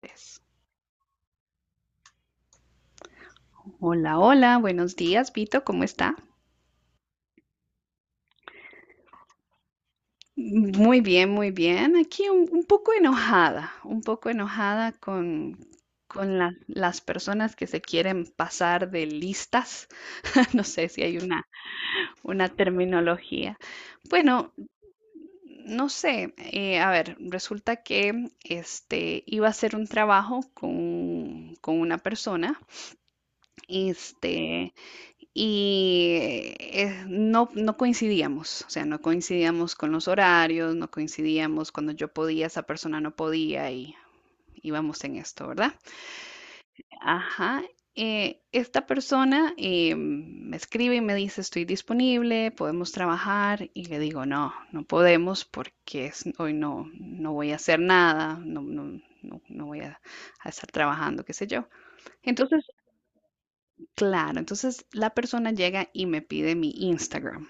Pues, hola, hola, buenos días, Vito, ¿cómo está? Muy bien, muy bien. Aquí un poco enojada, un poco enojada con las personas que se quieren pasar de listas. No sé si hay una terminología. Bueno, no sé, a ver, resulta que este, iba a hacer un trabajo con una persona. Este, y no coincidíamos, o sea, no coincidíamos con los horarios, no coincidíamos cuando yo podía, esa persona no podía y íbamos en esto, ¿verdad? Ajá. Esta persona me escribe y me dice, estoy disponible, podemos trabajar y le digo, no podemos porque hoy no, no voy a hacer nada, no, no, no, no voy a estar trabajando, qué sé yo. Entonces, claro, entonces la persona llega y me pide mi Instagram.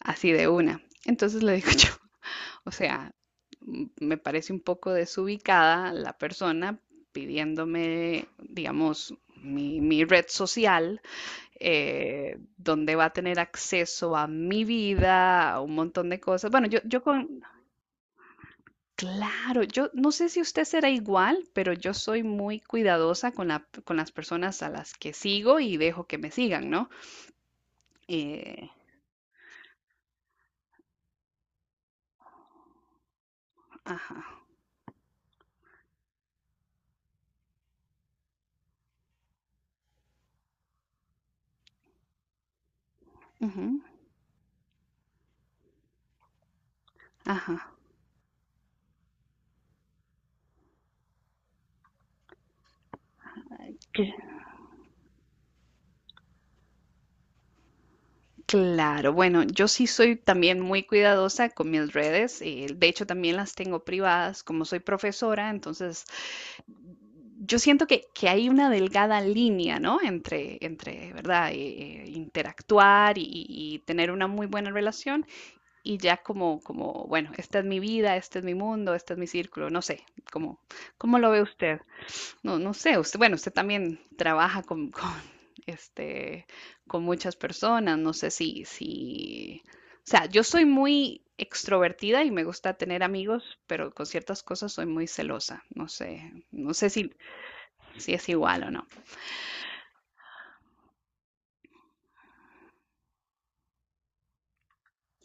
Así de una. Entonces le digo yo, o sea, me parece un poco desubicada la persona pidiéndome, digamos, mi red social, donde va a tener acceso a mi vida, a un montón de cosas. Bueno, yo con, claro, yo no sé si usted será igual, pero yo soy muy cuidadosa con con las personas a las que sigo y dejo que me sigan, ¿no? Eh, ajá, ujú, ajá. Claro, bueno, yo sí soy también muy cuidadosa con mis redes, de hecho también las tengo privadas, como soy profesora, entonces yo siento que hay una delgada línea, ¿no? ¿Verdad? Interactuar y tener una muy buena relación y ya como, bueno, esta es mi vida, este es mi mundo, este es mi círculo, no sé, ¿cómo, cómo lo ve usted? No, no sé, usted, bueno, usted también trabaja con, con, este, con muchas personas, no sé si, o sea, yo soy muy extrovertida y me gusta tener amigos, pero con ciertas cosas soy muy celosa, no sé, no sé si, si es igual o no.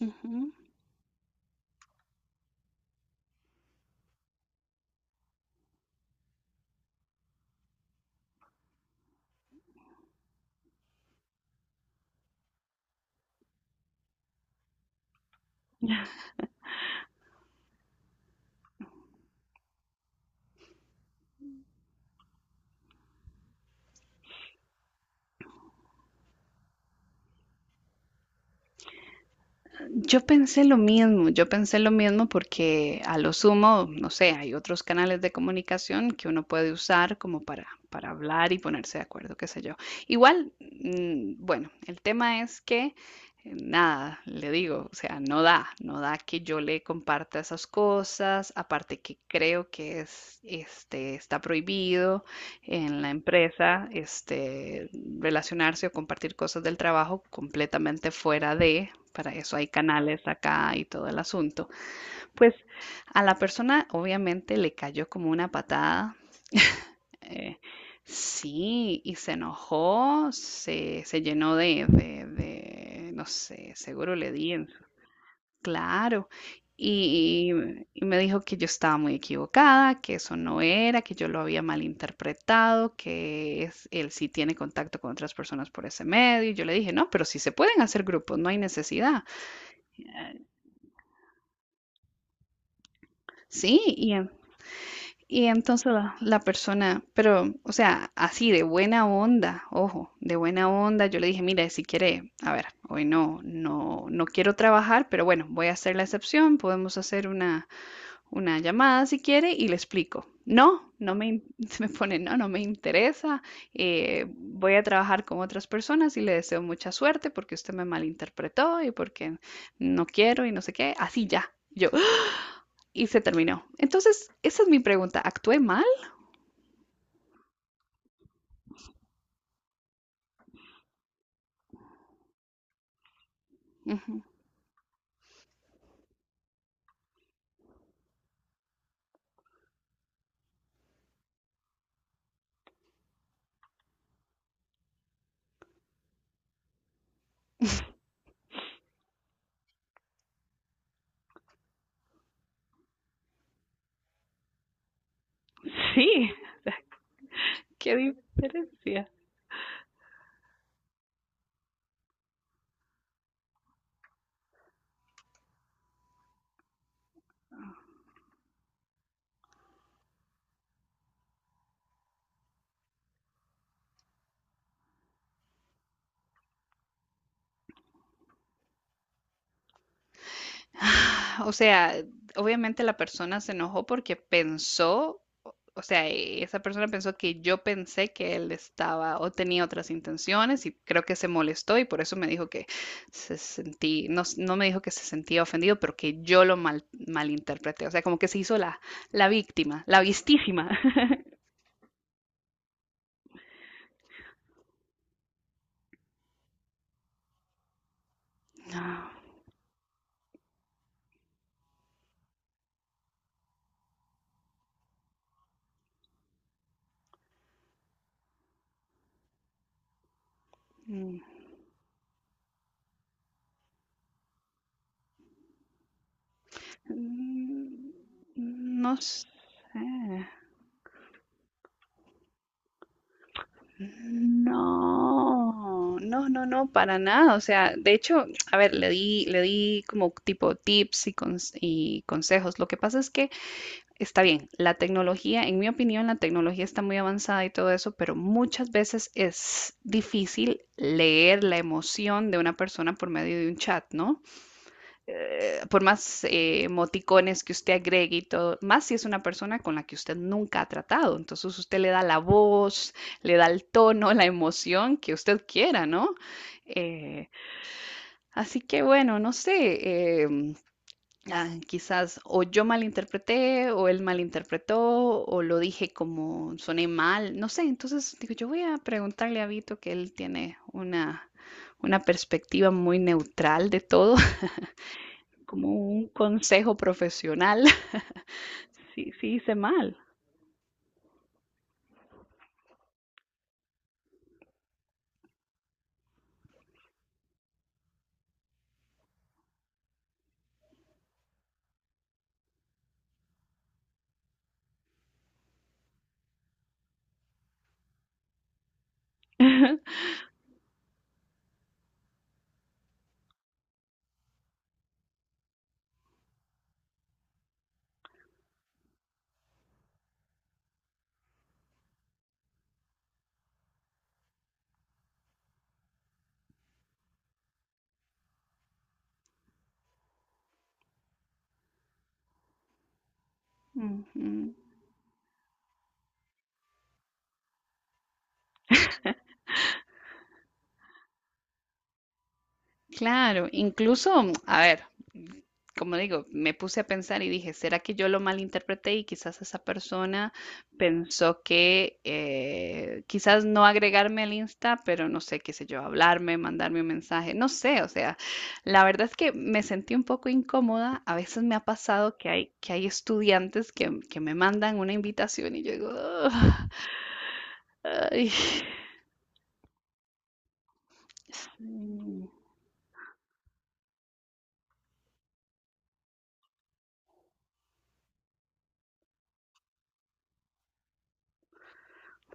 Ujú. Yo pensé lo mismo, yo pensé lo mismo porque a lo sumo, no sé, hay otros canales de comunicación que uno puede usar como para hablar y ponerse de acuerdo, qué sé yo. Igual, bueno, el tema es que, nada, le digo, o sea, no da, no da que yo le comparta esas cosas, aparte que creo que es, este, está prohibido en la empresa, este, relacionarse o compartir cosas del trabajo completamente fuera de para eso hay canales acá y todo el asunto. Pues a la persona obviamente le cayó como una patada. eh, sí, y se enojó, se llenó de no sé, seguro le di en su- Claro. Y, y me dijo que yo estaba muy equivocada, que eso no era, que yo lo había malinterpretado, que es, él sí tiene contacto con otras personas por ese medio. Y yo le dije, no, pero sí se pueden hacer grupos, no hay necesidad. Sí, y en y entonces la persona, pero, o sea, así de buena onda, ojo, de buena onda, yo le dije, mira, si quiere, a ver, hoy no, no, no quiero trabajar, pero bueno, voy a hacer la excepción, podemos hacer una llamada si quiere y le explico. No, no me, in- Se me pone, no, no me interesa, voy a trabajar con otras personas y le deseo mucha suerte porque usted me malinterpretó y porque no quiero y no sé qué, así ya, yo, y se terminó. Entonces, esa es mi pregunta, ¿actué mal? Ujú. Sí, qué diferencia. O sea, obviamente la persona se enojó porque pensó, esa persona pensó que yo pensé que él estaba o tenía otras intenciones y creo que se molestó y por eso me dijo que se sentí, no, s- no me dijo que se sentía ofendido, pero que yo lo mal, malinterpreté. O sea, como que se hizo la víctima, la vistísima. No. Mm, mm, no sé. No, no, no, no, para nada. O sea, de hecho, a ver, le di como tipo tips y consejos. Lo que pasa es que está bien, la tecnología, en mi opinión, la tecnología está muy avanzada y todo eso, pero muchas veces es difícil leer la emoción de una persona por medio de un chat, ¿no? Por más emoticones que usted agregue y todo, más si es una persona con la que usted nunca ha tratado. Entonces usted le da la voz, le da el tono, la emoción que usted quiera, ¿no? Eh, Así que bueno, no sé, quizás o yo malinterpreté o él malinterpretó o lo dije como soné mal, no sé. Entonces digo, yo voy a preguntarle a Vito que él tiene una perspectiva muy neutral de todo como un consejo profesional. Sí, sí hice mal. Ujú. Claro, incluso, a ver, como digo, me puse a pensar y dije, ¿será que yo lo malinterpreté y quizás esa persona pensó que quizás no agregarme al Insta, pero no sé, qué sé yo, hablarme, mandarme un mensaje, no sé, o sea, la verdad es que me sentí un poco incómoda, a veces me ha pasado que hay estudiantes que me mandan una invitación y yo digo, "Ugh", ay, es,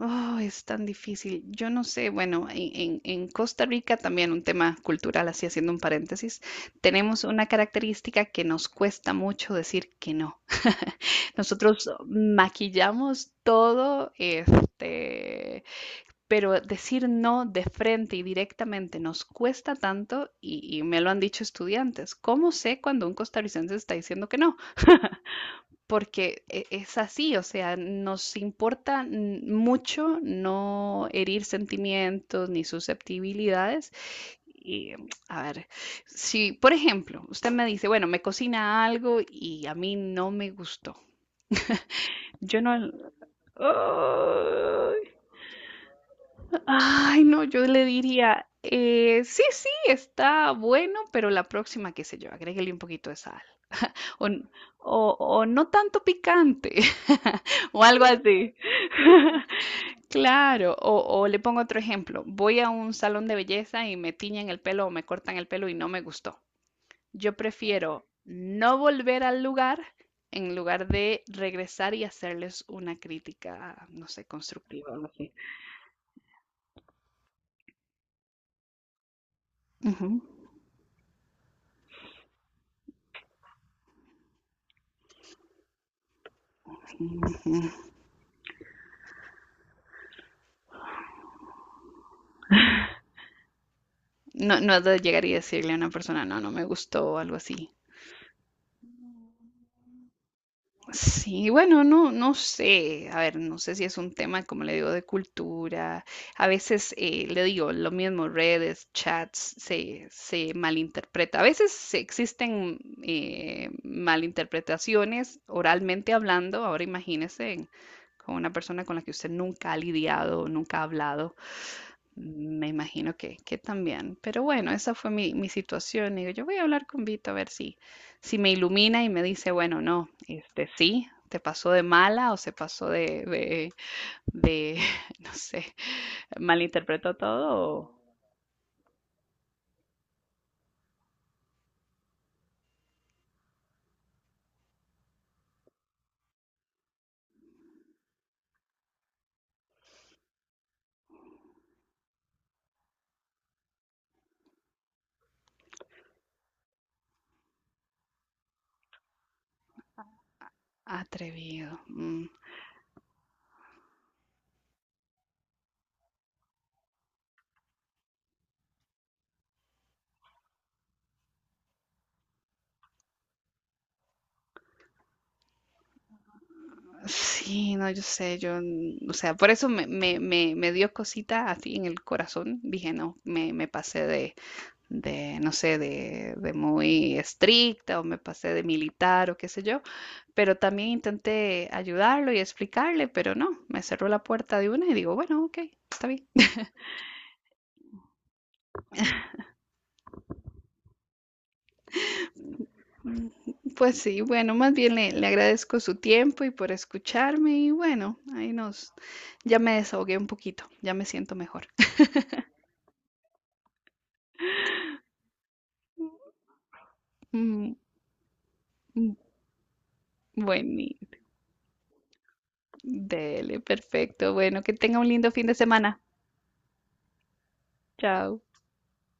oh, es tan difícil. Yo no sé, bueno, en Costa Rica también un tema cultural, así haciendo un paréntesis, tenemos una característica que nos cuesta mucho decir que no. Nosotros maquillamos todo, este, pero decir no de frente y directamente nos cuesta tanto y me lo han dicho estudiantes. ¿Cómo sé cuando un costarricense está diciendo que no? Porque es así, o sea, nos importa mucho no herir sentimientos ni susceptibilidades. Y a ver, si por ejemplo usted me dice, bueno, me cocina algo y a mí no me gustó, yo no... Ay, ay, no, yo le diría, sí, sí, está bueno, pero la próxima, qué sé yo, agréguele un poquito de sal. O, n- o no tanto picante, o algo así. Claro, o le pongo otro ejemplo. Voy a un salón de belleza y me tiñen el pelo o me cortan el pelo y no me gustó. Yo prefiero no volver al lugar en lugar de regresar y hacerles una crítica, no sé, constructiva o algo así. Ujú. Ujú. No, no es de llegar y decirle a una persona, no, no me gustó o algo así. Sí, bueno, no, no sé, a ver, no sé si es un tema, como le digo, de cultura. A veces le digo lo mismo, redes, chats, se malinterpreta. A veces existen malinterpretaciones oralmente hablando. Ahora imagínese en- con una persona con la que usted nunca ha lidiado, nunca ha hablado. Me imagino que también. Pero bueno, esa fue mi situación. Digo, yo voy a hablar con Vito a ver si, si me ilumina y me dice, bueno, no, este sí, te pasó de mala o se pasó de no sé, malinterpretó todo o atrevido. Mm, sí, no, yo sé, yo, mm, o sea, por eso me, me, me, me dio cosita así en el corazón. Dije, no, me pasé de no sé, de muy estricta o me pasé de militar o qué sé yo. Pero también intenté ayudarlo y explicarle, pero no, me cerró la puerta de una y digo, bueno, ok, está bien. Mm, pues sí, bueno, más bien le agradezco su tiempo y por escucharme y bueno, ahí nos, ya me desahogué un poquito, ya me siento mejor. Mm, mm, bueno, dele, perfecto. Bueno, que tenga un lindo fin de semana. Chao.